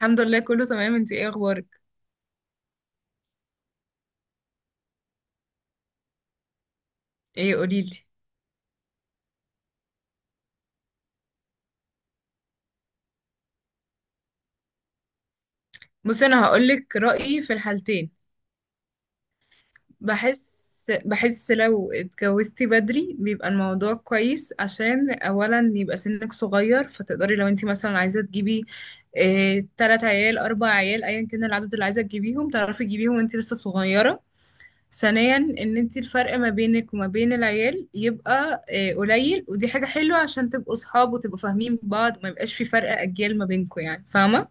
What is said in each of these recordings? الحمد لله كله تمام. انتي ايه اخبارك؟ ايه قوليلي. بصي انا هقولك رأيي في الحالتين. بحس بحس لو اتجوزتي بدري بيبقى الموضوع كويس، عشان اولا يبقى سنك صغير، فتقدري لو انتي مثلا عايزة تجيبي اه تلات عيال اربع عيال ايا كان العدد اللي عايزة تجيبيهم تعرفي تجيبيهم وانتي لسه صغيرة. ثانيا ان انتي الفرق ما بينك وما بين العيال يبقى قليل، ودي حاجة حلوة عشان تبقوا صحاب وتبقوا فاهمين بعض وما يبقاش في فرق اجيال ما بينكوا، يعني فاهمة.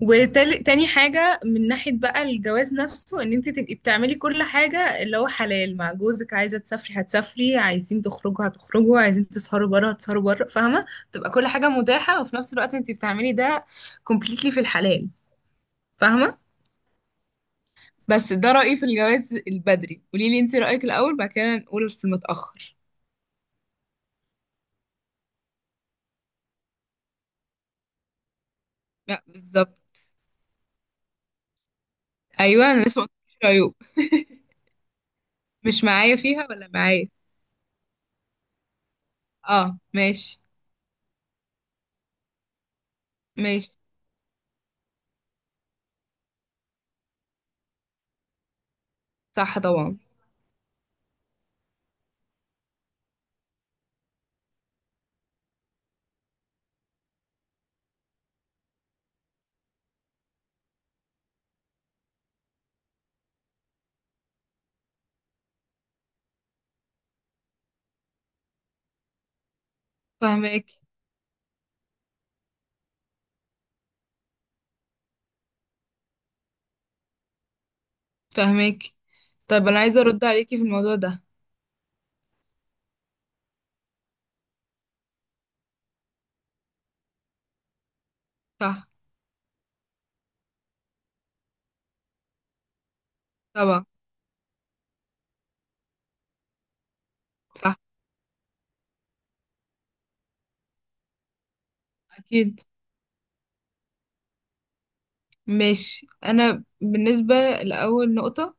وتاني حاجة من ناحية بقى الجواز نفسه، ان انت تبقي بتعملي كل حاجة اللي هو حلال مع جوزك، عايزة تسافري هتسافري، عايزين تخرجوا هتخرجوا، عايزين تسهروا بره هتسهروا بره، فاهمة. تبقى كل حاجة متاحة وفي نفس الوقت انت بتعملي ده completely في الحلال، فاهمة. بس ده رأيي في الجواز البدري، قولي لي انت رأيك الأول بعد كده نقول في المتأخر. لا بالظبط. ايوه انا لسه ما قلتلكيش رأيك. مش معايا فيها ولا معايا. اه ماشي. ماشي. صح طبعا. فاهمك. فاهمك. طب انا عايزه ارد عليكي في الموضوع ده. صح طبعا. صح. اكيد. ماشي، انا بالنسبه لاول نقطه،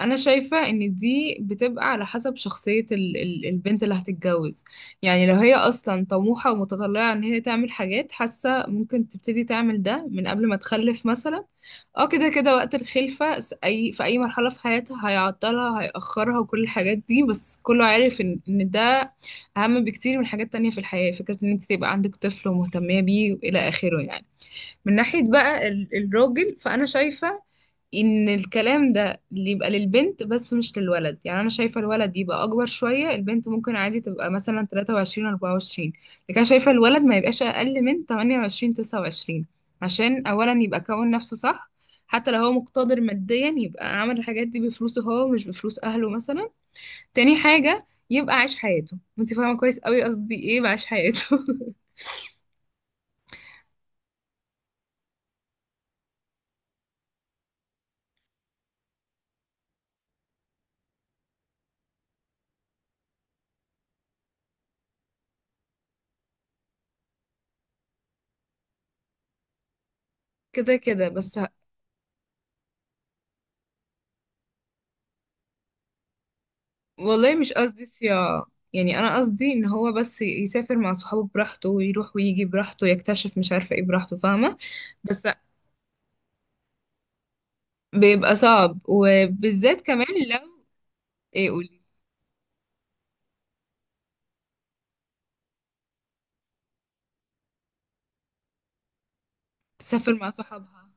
انا شايفه ان دي بتبقى على حسب شخصيه ال البنت اللي هتتجوز. يعني لو هي اصلا طموحه ومتطلعه ان هي تعمل حاجات، حاسه ممكن تبتدي تعمل ده من قبل ما تخلف مثلا. اه كده كده وقت الخلفه اي في اي مرحله في حياتها هيعطلها هيأخرها وكل الحاجات دي، بس كله عارف ان ده اهم بكتير من حاجات تانية في الحياه، فكره ان انت تبقى عندك طفل ومهتميه بيه والى اخره يعني. من ناحية بقى الراجل، فأنا شايفة إن الكلام ده اللي يبقى للبنت بس مش للولد. يعني أنا شايفة الولد يبقى أكبر شوية، البنت ممكن عادي تبقى مثلا 23 24، لكن أنا شايفة الولد ما يبقاش أقل من 28 29، عشان أولا يبقى كون نفسه صح. حتى لو هو مقتدر ماديا يبقى عمل الحاجات دي بفلوسه هو مش بفلوس أهله مثلا. تاني حاجة يبقى عايش حياته، انت فاهمة كويس قوي قصدي ايه بعيش حياته. كده كده بس. والله مش قصدي صياعة، يعني انا قصدي ان هو بس يسافر مع صحابه براحته ويروح ويجي براحته، يكتشف مش عارفة ايه براحته، فاهمة. بس بيبقى صعب وبالذات كمان لو. ايه قولي. تسافر مع صحابها.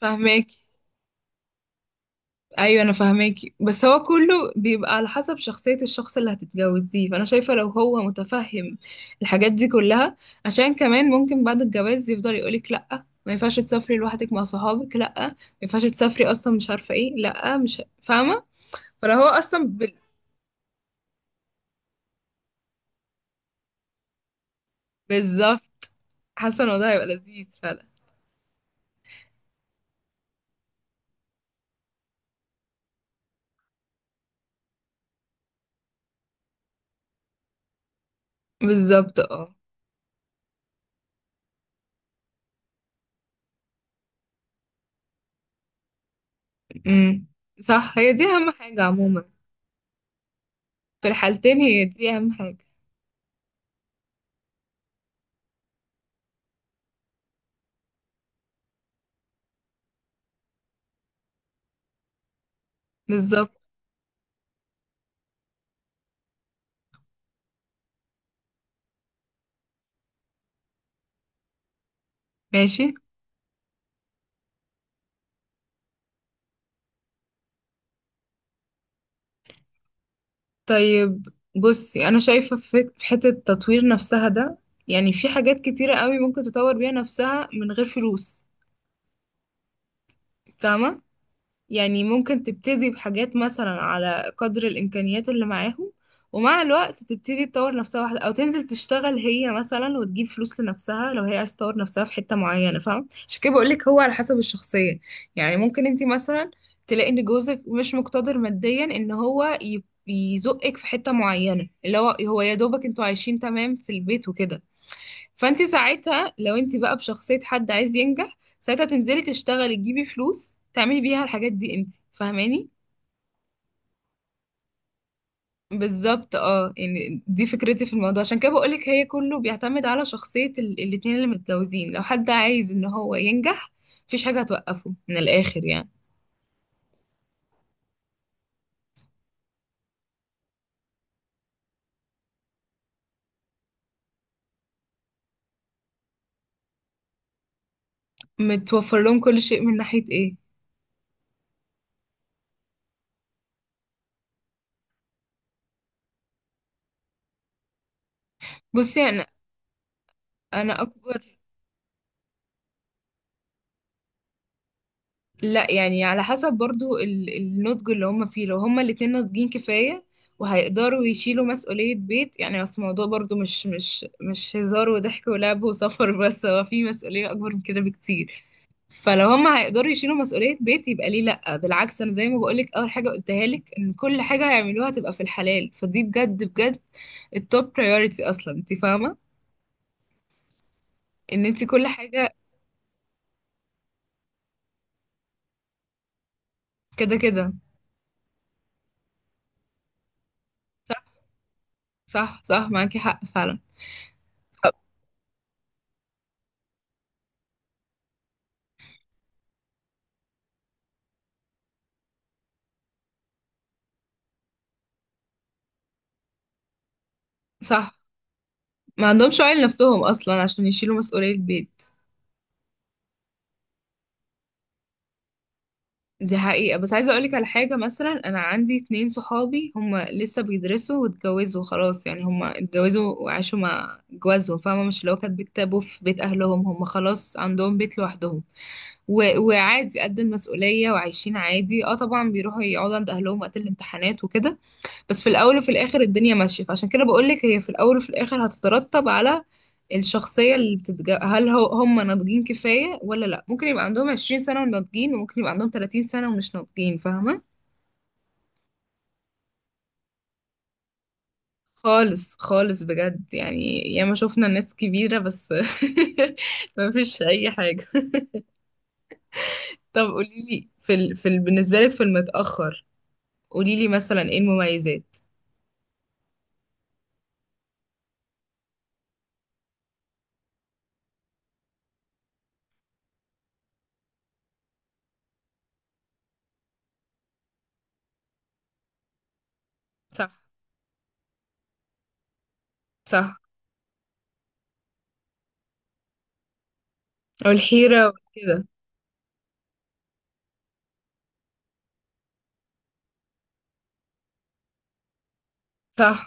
فاهماك. ايوه انا فاهماكي، بس هو كله بيبقى على حسب شخصية الشخص اللي هتتجوزيه، فانا شايفة لو هو متفهم الحاجات دي كلها. عشان كمان ممكن بعد الجواز يفضل يقولك لأ ما ينفعش تسافري لوحدك مع صحابك، لأ ما ينفعش تسافري اصلا مش عارفة ايه، لأ مش فاهمة. فلو هو اصلا بالظبط. حاسة ان الموضوع هيبقى لذيذ فعلا. بالظبط اه. امم صح هي دي اهم حاجة عموما، في الحالتين هي دي اهم حاجة. بالظبط. ماشي. طيب، بصي انا شايفه في حته التطوير نفسها ده، يعني في حاجات كتيره قوي ممكن تطور بيها نفسها من غير فلوس. فاهمه؟ يعني ممكن تبتدي بحاجات مثلا على قدر الإمكانيات اللي معاهم، ومع الوقت تبتدي تطور نفسها واحدة، أو تنزل تشتغل هي مثلا وتجيب فلوس لنفسها لو هي عايز تطور نفسها في حتة معينة، فاهم. عشان كده بقولك هو على حسب الشخصية. يعني ممكن انتي مثلا تلاقي ان جوزك مش مقتدر ماديا ان هو يزقك في حتة معينة، اللي هو يا دوبك انتوا عايشين تمام في البيت وكده. فانت ساعتها لو انت بقى بشخصية حد عايز ينجح، ساعتها تنزلي تشتغلي تجيبي فلوس تعملي بيها الحاجات دي، انت فاهماني. بالظبط اه. يعني دي فكرتي في الموضوع، عشان كده بقولك هي كله بيعتمد على شخصية الاتنين اللي متجوزين، لو حد عايز ان هو ينجح مفيش حاجة هتوقفه من الاخر يعني. متوفر لهم كل شيء من ناحية ايه؟ بصي انا اكبر. لا يعني على حسب برضو النضج اللي هم فيه، لو هم الاتنين ناضجين كفاية وهيقدروا يشيلوا مسؤولية بيت، يعني اصل الموضوع برضو مش هزار وضحك ولعب وسفر بس، هو في مسؤولية أكبر من كده بكتير. فلو هم هيقدروا يشيلوا مسؤولية بيت يبقى ليه لأ، بالعكس. أنا زي ما بقولك أول حاجة قلتها لك، إن كل حاجة هيعملوها تبقى في الحلال فدي بجد بجد التوب priority أصلا، أنت فاهمة. إن أنت كل حاجة كده كده. صح صح. صح معاكي حق فعلا. صح. ما عندهمش عيل نفسهم اصلا عشان يشيلوا مسؤولية البيت. دي حقيقة، بس عايزة اقولك على حاجة مثلا. انا عندي اتنين صحابي هما لسه بيدرسوا واتجوزوا خلاص، يعني هما اتجوزوا وعاشوا مع جوازهم، فاهمة، مش اللي هو كانت بيكتبوا في بيت اهلهم، هما خلاص عندهم بيت لوحدهم و... وعادي قد المسؤولية وعايشين عادي. اه طبعا بيروحوا يقعدوا عند اهلهم وقت الامتحانات وكده، بس في الاول وفي الاخر الدنيا ماشيه. فعشان كده بقولك هي في الاول وفي الاخر هتترتب على الشخصيه اللي هل هو هم ناضجين كفايه ولا لا. ممكن يبقى عندهم 20 سنه وناضجين، وممكن يبقى عندهم 30 سنه ومش ناضجين، فاهمه. خالص خالص بجد، يعني ياما شفنا ناس كبيره بس مفيش اي حاجه. طب قوليلي بالنسبه لك في المتاخر قوليلي مثلا ايه المميزات. صح صح. والحيره وكده. صح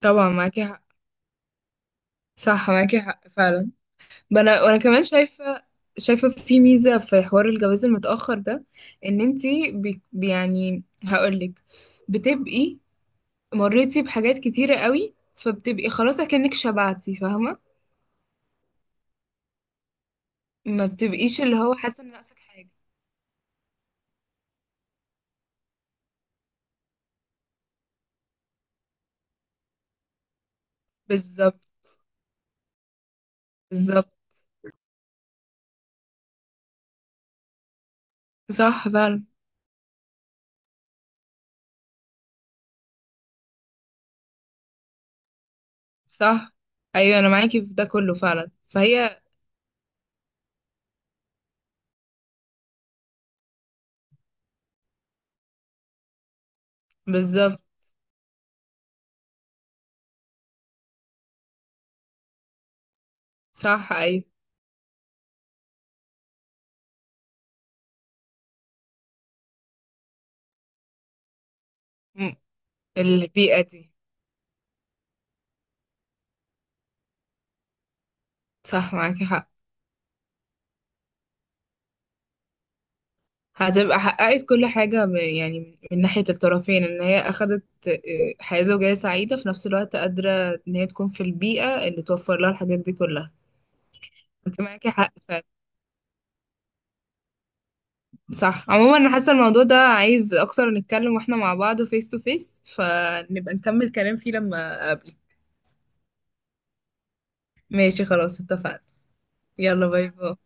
طبعا معاكي حق. صح معاكي حق فعلا. ما انا وانا كمان شايفه، شايفه في ميزه في حوار الجواز المتاخر ده، ان انتي يعني هقولك بتبقي مريتي بحاجات كتيره قوي، فبتبقي خلاص اكنك شبعتي، فاهمه. ما بتبقيش اللي هو حاسه ان ناقصك حاجه. بالظبط. بالظبط. صح فعلا. صح ايوه انا معاكي في ده كله فعلا، فهي بالظبط. صح ايوه. م- البيئه دي. صح معاكي حق. هتبقى حققت كل حاجة يعني من ناحية الطرفين، ان هي اخدت حياة زوجية سعيدة، في نفس الوقت قادرة ان هي تكون في البيئة اللي توفر لها الحاجات دي كلها. انت معاكي حق فعلا. صح. عموما انا حاسة الموضوع ده عايز اكتر نتكلم واحنا مع بعض فيس تو فيس، فنبقى نكمل كلام فيه لما اقابلك. ماشي خلاص اتفقنا. يلا باي باي.